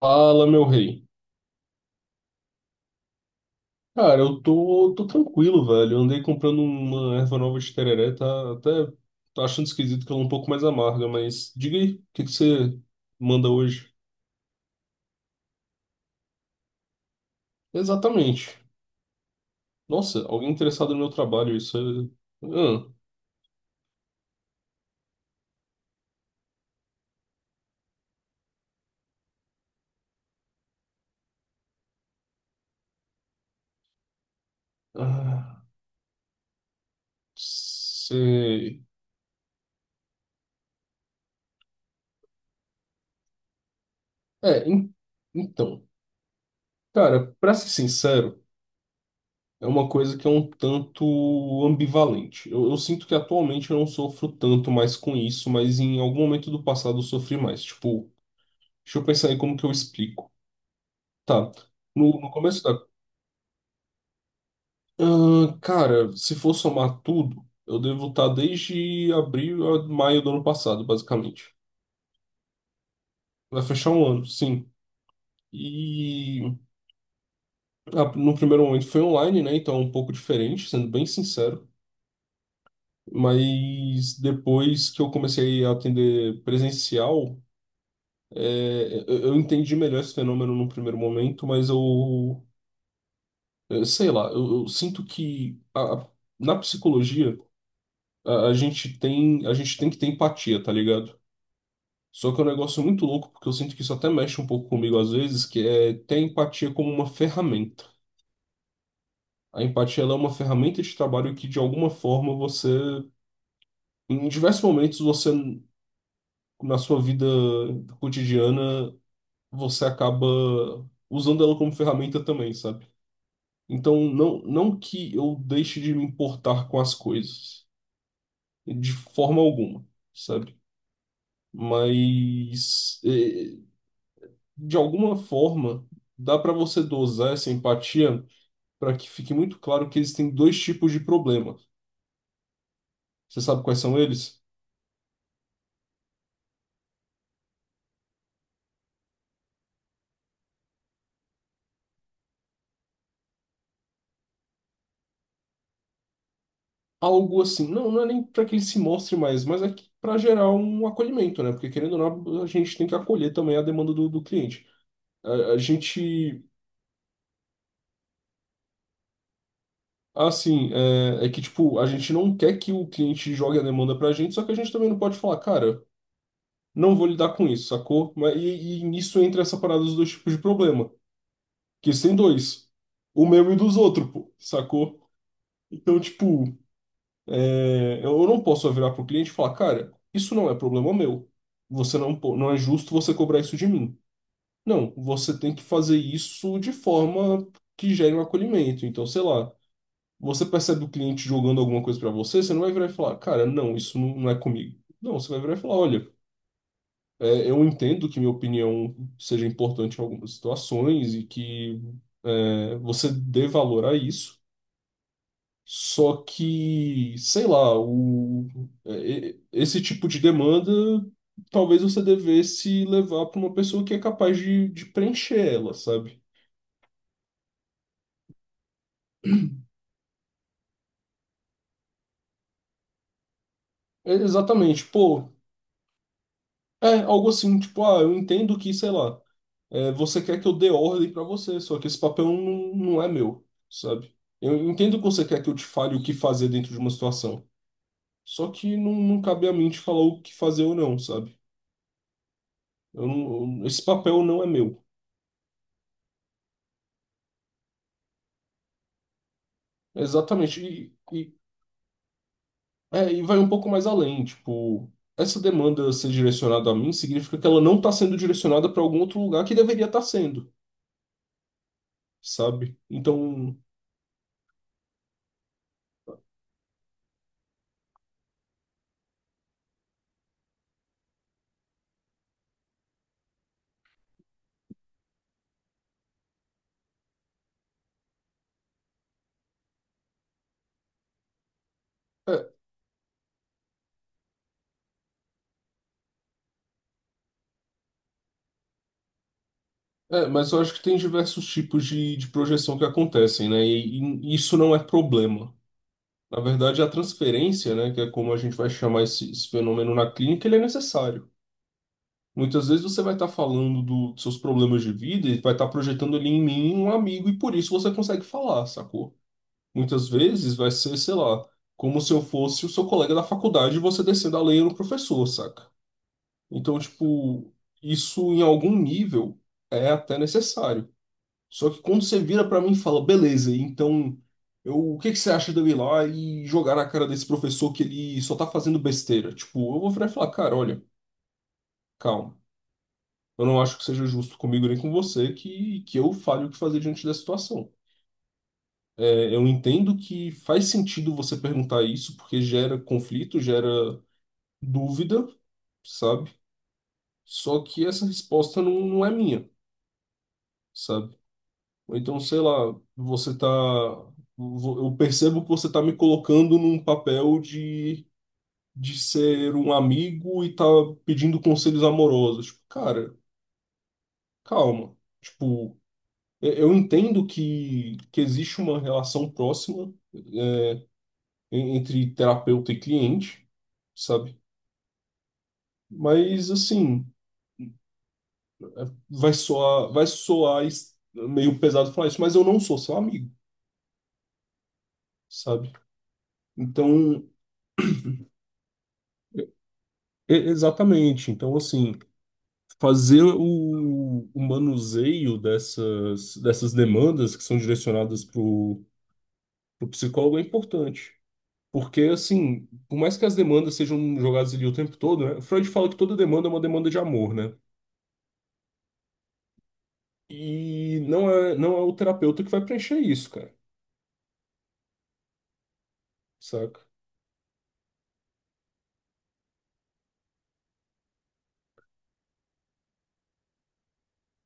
Fala, meu rei. Cara, eu tô tranquilo, velho. Eu andei comprando uma erva nova de tereré, tá até tô achando esquisito que ela é um pouco mais amarga, mas diga aí, o que que você manda hoje? Exatamente. Nossa, alguém interessado no meu trabalho, é... Ah, ah, sei. É, en- então, cara, pra ser sincero, é uma coisa que é um tanto ambivalente. Eu sinto que atualmente eu não sofro tanto mais com isso, mas em algum momento do passado eu sofri mais. Tipo, deixa eu pensar aí como que eu explico. Tá. No começo da. Ah, cara, se for somar tudo, eu devo estar desde abril a maio do ano passado, basicamente. Vai fechar um ano, sim. E no primeiro momento foi online, né? Então é um pouco diferente, sendo bem sincero. Mas depois que eu comecei a atender presencial, é, eu entendi melhor esse fenômeno no primeiro momento, mas eu sei lá, eu sinto que na psicologia a gente tem que ter empatia, tá ligado? Só que é um negócio muito louco, porque eu sinto que isso até mexe um pouco comigo às vezes, que é ter a empatia como uma ferramenta. A empatia ela é uma ferramenta de trabalho que de alguma forma você, em diversos momentos você na sua vida cotidiana, você acaba usando ela como ferramenta também, sabe? Então, não que eu deixe de me importar com as coisas, de forma alguma, sabe? Mas, de alguma forma, dá para você dosar essa empatia para que fique muito claro que existem dois tipos de problema. Você sabe quais são eles? Algo assim, não é nem para que ele se mostre mais, mas é para gerar um acolhimento, né? Porque, querendo ou não, a gente tem que acolher também a demanda do cliente. A gente. Assim, é que, tipo, a gente não quer que o cliente jogue a demanda pra gente, só que a gente também não pode falar, cara, não vou lidar com isso, sacou? Mas, e nisso entra essa parada dos dois tipos de problema, que isso tem dois, o meu e dos outros, pô, sacou? Então, tipo, é, eu não posso só virar pro cliente e falar, cara, isso não é problema meu, você não, po- não é justo você cobrar isso de mim. Não, você tem que fazer isso de forma que gere um acolhimento, então, sei lá. Você percebe o cliente jogando alguma coisa para você, você não vai virar e falar, cara, não, não é comigo. Não, você vai virar e falar, olha, é, eu entendo que minha opinião seja importante em algumas situações e que é, você dê valor a isso, só que, sei lá, é, esse tipo de demanda talvez você devesse levar para uma pessoa que é capaz de preencher ela, sabe? É, exatamente, pô, é algo assim, tipo, ah, eu entendo que, sei lá. É, você quer que eu dê ordem pra você, só que esse papel não é meu, sabe? Eu entendo que você quer que eu te fale o que fazer dentro de uma situação, só que não cabe a mim te falar o que fazer ou não, sabe? Eu não- eu- esse papel não é meu. Exatamente. E vai um pouco mais além, tipo, essa demanda ser direcionada a mim significa que ela não está sendo direcionada para algum outro lugar que deveria estar sendo, sabe? Então. é, É, mas eu acho que tem diversos tipos de projeção que acontecem, né? E isso não é problema. Na verdade, a transferência, né, que é como a gente vai chamar esse fenômeno na clínica, ele é necessário. Muitas vezes você vai estar falando dos seus problemas de vida e vai estar projetando ali em mim um amigo e por isso você consegue falar, sacou? Muitas vezes vai ser, sei lá, como se eu fosse o seu colega da faculdade e você descendo a lenha no professor, saca? Então, tipo, isso em algum nível é até necessário. Só que quando você vira pra mim e fala, beleza, então eu, o que que você acha de eu ir lá e jogar na cara desse professor que ele só tá fazendo besteira? Tipo, eu vou virar e falar, cara, olha, calma. Eu não acho que seja justo comigo nem com você que eu fale o que fazer diante da situação. É, eu entendo que faz sentido você perguntar isso porque gera conflito, gera dúvida, sabe? Só que essa resposta não é minha, sabe? Ou então, sei lá, eu percebo que você tá me colocando num papel de ser um amigo e tá pedindo conselhos amorosos. Tipo, cara, calma. Tipo, eu entendo que existe uma relação próxima entre terapeuta e cliente, sabe? Mas, assim, vai soar, meio pesado falar isso, mas eu não sou seu amigo, sabe? Então, exatamente. Então, assim. Fazer o manuseio dessas, dessas demandas que são direcionadas para o psicólogo é importante. Porque, assim, por mais que as demandas sejam jogadas ali o tempo todo, né? Freud fala que toda demanda é uma demanda de amor, né? E não é o terapeuta que vai preencher isso, cara, saca?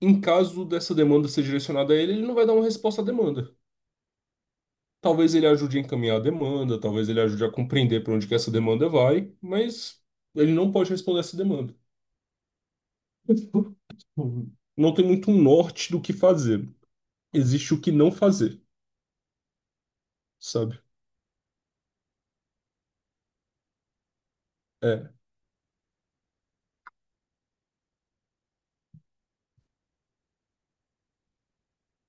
Em caso dessa demanda ser direcionada a ele, ele não vai dar uma resposta à demanda. Talvez ele ajude a encaminhar a demanda, talvez ele ajude a compreender para onde que essa demanda vai, mas ele não pode responder essa demanda. Não tem muito um norte do que fazer. Existe o que não fazer, sabe? É,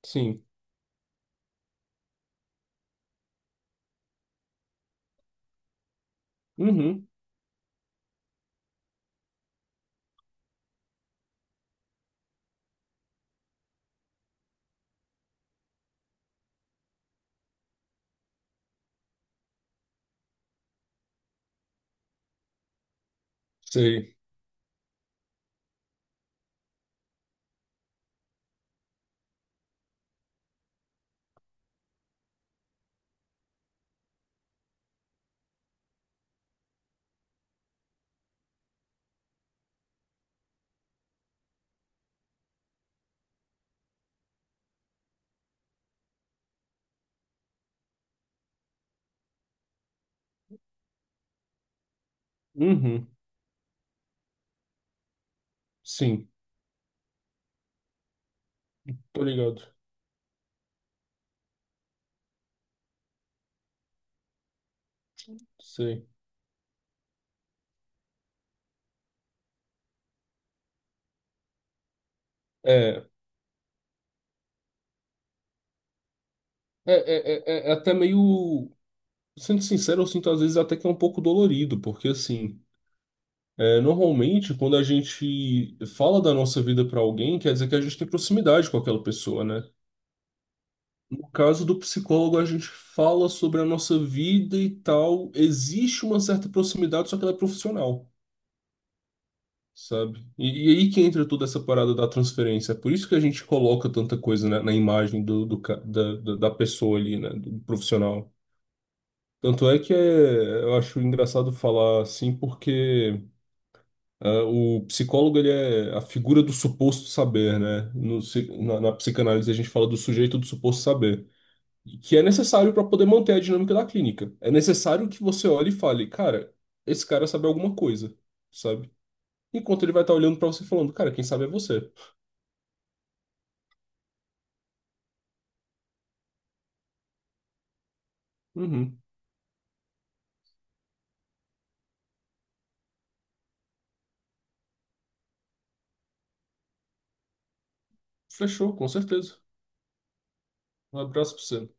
sim. Uhum, sei. Uhum, sim. Tô ligado. Sei. É, é, é, é é até meio. Sendo sincero, eu sinto às vezes até que é um pouco dolorido, porque assim, é, normalmente quando a gente fala da nossa vida pra alguém, quer dizer que a gente tem proximidade com aquela pessoa, né? No caso do psicólogo, a gente fala sobre a nossa vida e tal. Existe uma certa proximidade, só que ela é profissional, sabe? E aí que entra toda essa parada da transferência. É por isso que a gente coloca tanta coisa na imagem do, do ca- da, da da pessoa ali, né? Do profissional. Tanto é que é, eu acho engraçado falar assim, porque o psicólogo ele é a figura do suposto saber, né? Na psicanálise a gente fala do sujeito do suposto saber. Que é necessário para poder manter a dinâmica da clínica. É necessário que você olhe e fale, cara, esse cara sabe alguma coisa, sabe? Enquanto ele vai estar olhando para você e falando, cara, quem sabe é você. Uhum. Fechou, com certeza. Um abraço para você.